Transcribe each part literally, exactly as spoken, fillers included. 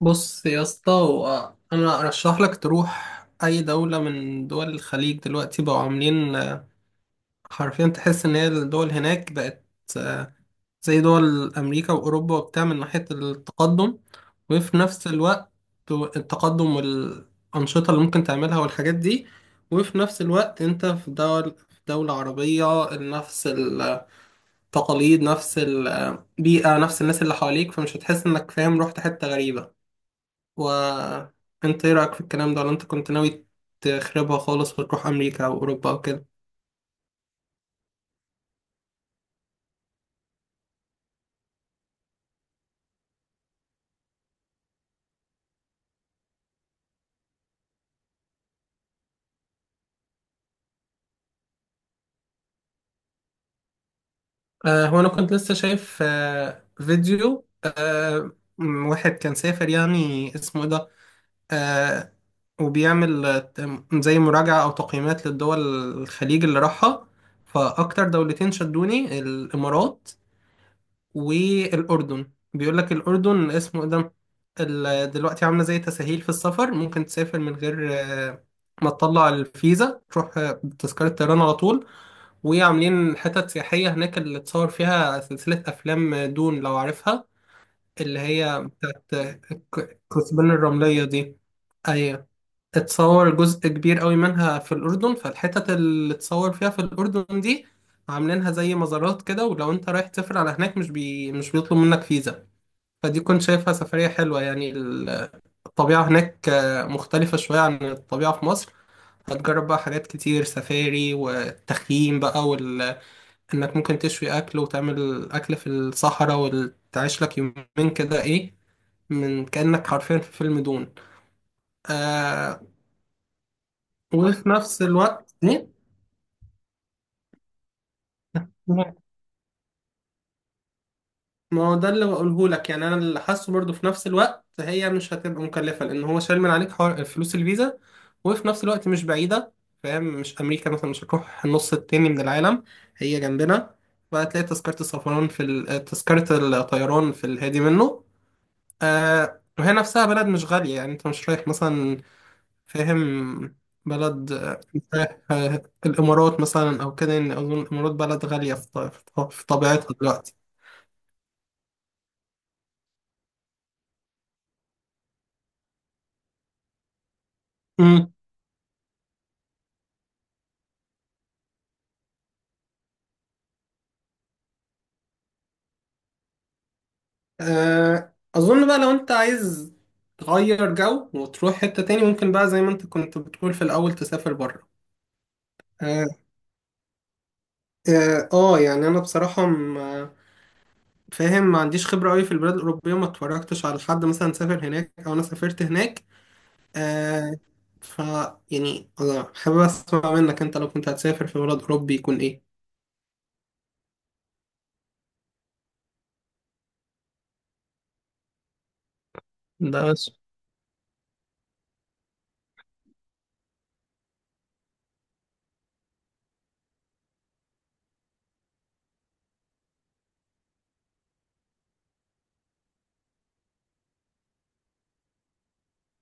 بص يا اسطى، هو انا ارشح لك تروح اي دولة من دول الخليج؟ دلوقتي بقوا عاملين، آه، حرفيا تحس ان هي الدول هناك بقت، آه، زي دول امريكا واوروبا وبتاع، من ناحية التقدم وفي نفس الوقت التقدم والانشطة اللي ممكن تعملها والحاجات دي. وفي نفس الوقت انت في دول، في دولة عربية، نفس التقاليد نفس البيئة نفس الناس اللي حواليك، فمش هتحس انك فاهم رحت حتة غريبة. وانت ايه رأيك في الكلام ده، ولا انت كنت ناوي تخربها خالص وتروح امريكا او اوروبا او كده؟ آه هو انا كنت لسه شايف آه فيديو، آه م- واحد كان سافر، يعني اسمه ايه ده، آه وبيعمل، آه، زي مراجعة او تقييمات للدول الخليج اللي راحها. فاكتر دولتين شدوني الامارات والأردن. بيقول لك الأردن اسمه إيه ده، ال- دلوقتي عاملة زي تسهيل في السفر، ممكن تسافر من غير، آه، ما تطلع الفيزا، تروح آه، بتذكرة طيران على طول. وعاملين حتت سياحية هناك، اللي اتصور فيها سلسلة أفلام دون لو عارفها، اللي هي بتاعت، آه، ك- كثبان الرملية دي. أيوة، اتصور جزء كبير قوي منها في الأردن. فالحتت اللي اتصور فيها في الأردن دي عاملينها زي مزارات كده، ولو انت رايح تسافر على هناك، مش بي... مش بيطلب منك فيزا. فدي كنت شايفها سفرية حلوة، يعني ال- الطبيعة هناك آه، مختلفة شوية عن الطبيعة في مصر. هتجرب بقى حاجات كتير، سفاري والتخييم بقى وال... انك ممكن تشوي أكل وتعمل أكل في الصحراء وتعيش لك يومين كده، ايه، من كأنك حرفيا في فيلم دون. آه وفي نفس الوقت، ما ما هو ده اللي بقوله لك، يعني انا اللي حاسه برضه في نفس الوقت هي مش هتبقى مكلفه، لان هو شايل من عليك حوار فلوس الفيزا. وفي نفس الوقت مش بعيده، فاهم؟ مش امريكا مثلا، مش هتروح النص التاني من العالم، هي جنبنا. فهتلاقي تذكره السفران في ال- تذكره الطيران في الهادي منه. آه وهي نفسها بلد مش غاليه، يعني انت مش رايح مثلا، فاهم، بلد، آه، رايح، آه، الامارات مثلا او كده. ان اظن الامارات بلد غاليه في ط- في طبيعتها دلوقتي. آه، أظن بقى لو أنت عايز تغير جو وتروح حتة تاني، ممكن بقى زي ما أنت كنت بتقول في الأول تسافر بره. آه, آه, آه يعني أنا بصراحة، م- فاهم، ما عنديش خبرة أوي في البلاد الأوروبية، ما اتفرجتش على حد مثلا سافر هناك أو أنا سافرت هناك. آه ف يعني أنا حابب أسمع منك، أنت لو كنت هتسافر في بلد أوروبي يكون إيه؟ ده بس.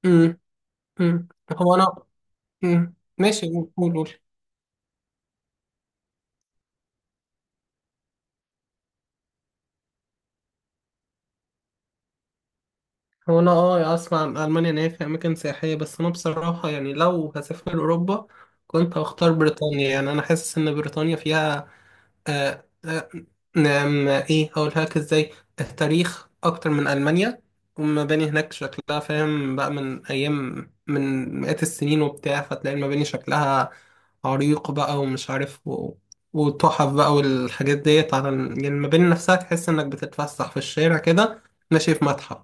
مم. مم. هو أنا مم. ماشي. قول، قول. هو انا اه يعني اسمع عن المانيا ان هي في اماكن سياحيه، بس انا بصراحه، يعني لو هسافر اوروبا كنت هختار بريطانيا. يعني انا حاسس ان بريطانيا فيها، آه آه نعم، ايه هقولها لك ازاي، التاريخ اكتر من المانيا. والمباني هناك شكلها، فاهم بقى، من ايام من مئات السنين وبتاع. فتلاقي المباني شكلها عريق بقى، ومش عارف و... وتحف بقى، والحاجات ديت، على ال- يعني المباني نفسها تحس انك بتتفسح في الشارع كده ماشي في متحف.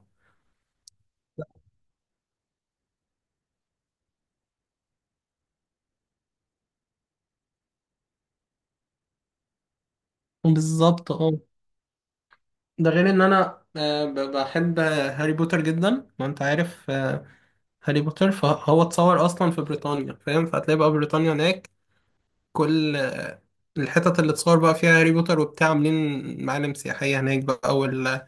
بالظبط، اه. ده غير ان انا آه، ب- بحب هاري بوتر جدا، ما انت عارف، آه، هاري بوتر. فهو اتصور اصلا في بريطانيا، فاهم. فهتلاقي بقى بريطانيا هناك، كل آه، الحتت اللي اتصور بقى فيها هاري بوتر وبتاع عاملين معالم سياحية هناك بقى وال...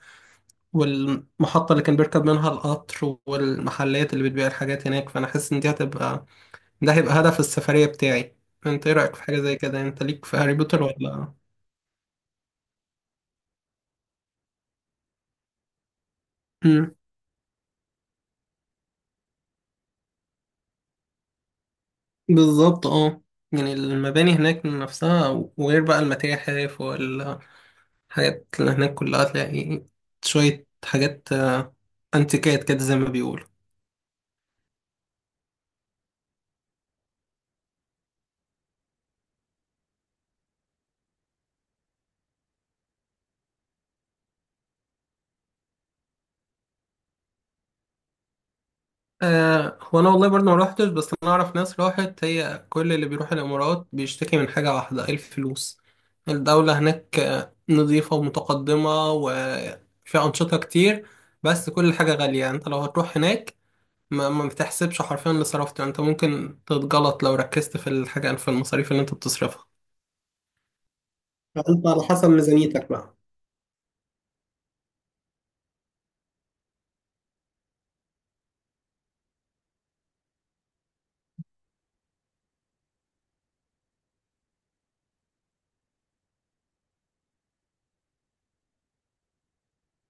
والمحطة اللي كان بيركب منها القطر، والمحلات اللي بتبيع الحاجات هناك. فانا حاسس ان دي هتبقى ده هيبقى هدف السفرية بتاعي. انت ايه رأيك في حاجة زي كده؟ انت ليك في هاري بوتر ولا؟ بالظبط، اه. يعني المباني هناك نفسها، وغير بقى المتاحف والحاجات اللي هناك كلها، تلاقي شوية حاجات آه، انتيكات كده، زي ما بيقولوا. آه هو أنا والله برضه ما روحتش، بس أنا أعرف ناس راحت، هي كل اللي بيروح الإمارات بيشتكي من حاجة واحدة، إيه، الفلوس. الدولة هناك آه، نظيفة ومتقدمة وفي أنشطة كتير، بس كل حاجة غالية. يعني أنت لو هتروح هناك، ما ما بتحسبش حرفيا اللي صرفته. يعني انت ممكن تتغلط لو ركزت في الحاجة في المصاريف اللي انت بتصرفها. فانت على حسب ميزانيتك بقى.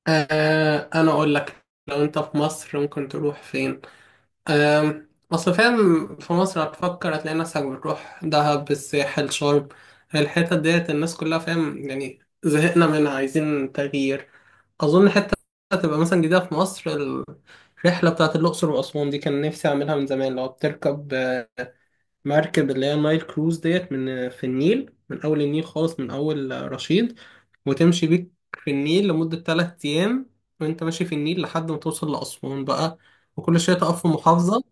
آه انا اقول لك، لو انت في مصر ممكن تروح فين. آه اصل فاهم، في مصر هتفكر هتلاقي نفسك بتروح دهب، الساحل، شرم، الحتت ديت الناس كلها، فاهم، يعني زهقنا منها، عايزين تغيير. اظن حتة هتبقى مثلا جديدة في مصر، الرحلة بتاعت الأقصر وأسوان دي، كان نفسي أعملها من زمان. لو بتركب مركب اللي هي النايل كروز ديت، من في النيل، من أول النيل خالص من أول رشيد، وتمشي بيك في النيل لمدة تلات أيام. وأنت ماشي في النيل لحد ما توصل لأسوان بقى، وكل شوية تقف في محافظة.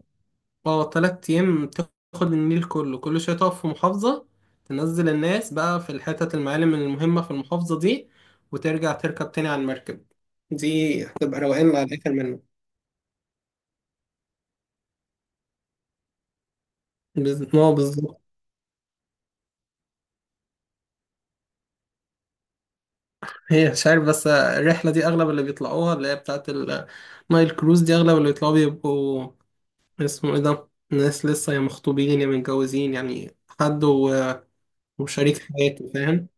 اه، تلات أيام تاخد النيل كله. كل شوية تقف في محافظة، تنزل الناس بقى في الحتت المعالم المهمة في المحافظة دي، وترجع تركب تاني على المركب. دي هتبقى روقان على الآخر منه. بز- ما هو بالظبط. هي مش عارف، بس الرحلة دي أغلب اللي بيطلعوها، اللي هي بتاعة النايل كروز دي، أغلب اللي بيطلعوا بيبقوا، اسمه إيه ده، ناس لسه، يا مخطوبين يا متجوزين، يعني حد و- وشريك حياته، فاهم.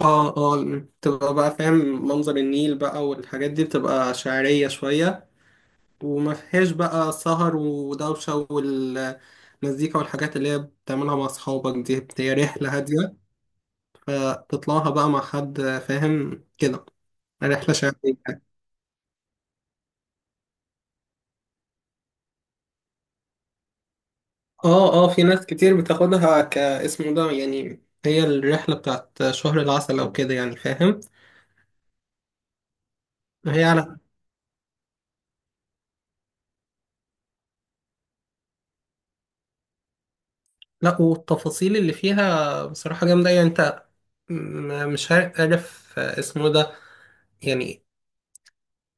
اه اه، تبقى بقى فاهم، منظر النيل بقى والحاجات دي بتبقى شعرية شوية، وما فيهاش بقى سهر ودوشة والمزيكا والحاجات اللي هي بتعملها مع أصحابك. دي هي رحلة هادية، فتطلعها بقى مع حد، فاهم كده، رحلة شعبية. اه اه، في ناس كتير بتاخدها كاسمه ده، يعني هي الرحلة بتاعت شهر العسل او كده، يعني فاهم. هي على لا، والتفاصيل اللي فيها بصراحة جامدة. يعني انت، م- مش عارف اسمه ده، يعني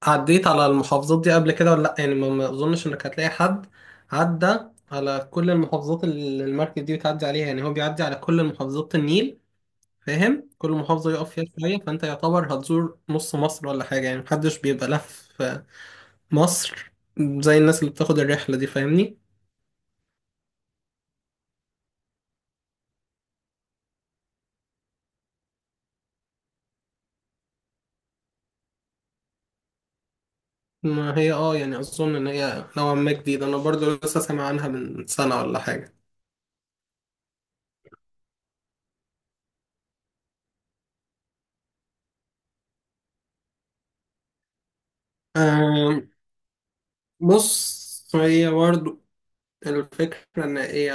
عديت على المحافظات دي قبل كده ولا لا؟ يعني ما ما اظنش انك هتلاقي حد عدى على كل المحافظات اللي المركب دي بتعدي عليها. يعني هو بيعدي على كل محافظات النيل، فاهم، كل محافظة يقف فيها شوية. فانت يعتبر هتزور نص مصر ولا حاجة، يعني محدش بيبقى لف مصر زي الناس اللي بتاخد الرحلة دي، فاهمني. ما هي اه، يعني أظن إن هي نوعا ما جديدة، أنا برضو لسه سامع عنها من سنة ولا حاجة. آم، بص، هي برضو الفكرة إن هي،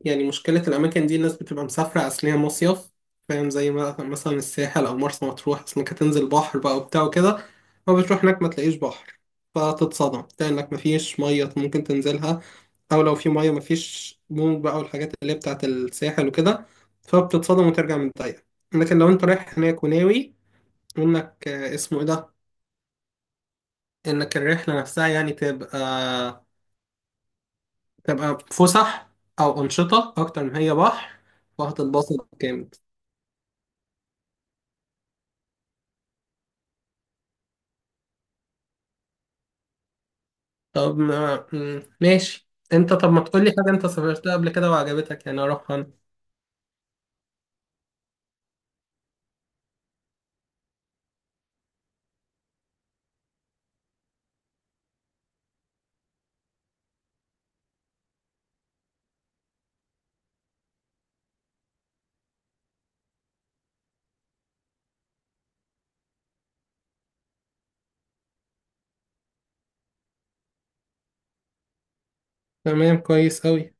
يعني مشكلة الأماكن دي، الناس بتبقى مسافرة أصل هي مصيف، فاهم، زي ما- مثلا الساحل أو مرسى مطروح، أصل إنك هتنزل بحر بقى وبتاع وكده. ما بتروح هناك ما تلاقيش بحر، فتتصدم، تلاقي إنك مفيش مية ممكن تنزلها، أو لو في مية مفيش موج بقى والحاجات اللي هي بتاعة الساحل وكده. فبتتصدم وترجع متضايق. لكن لو أنت رايح هناك وناوي إنك، آه، اسمه إيه ده، إنك الرحلة نفسها يعني، تبقى تبقى فسح أو أنشطة أكتر ما هي بحر، وهتتبسط جامد. طب ما مم، ماشي. انت طب ما تقولي حاجة انت سافرتها قبل كده وعجبتك يعني اروحها انا. تمام، كويس اوي.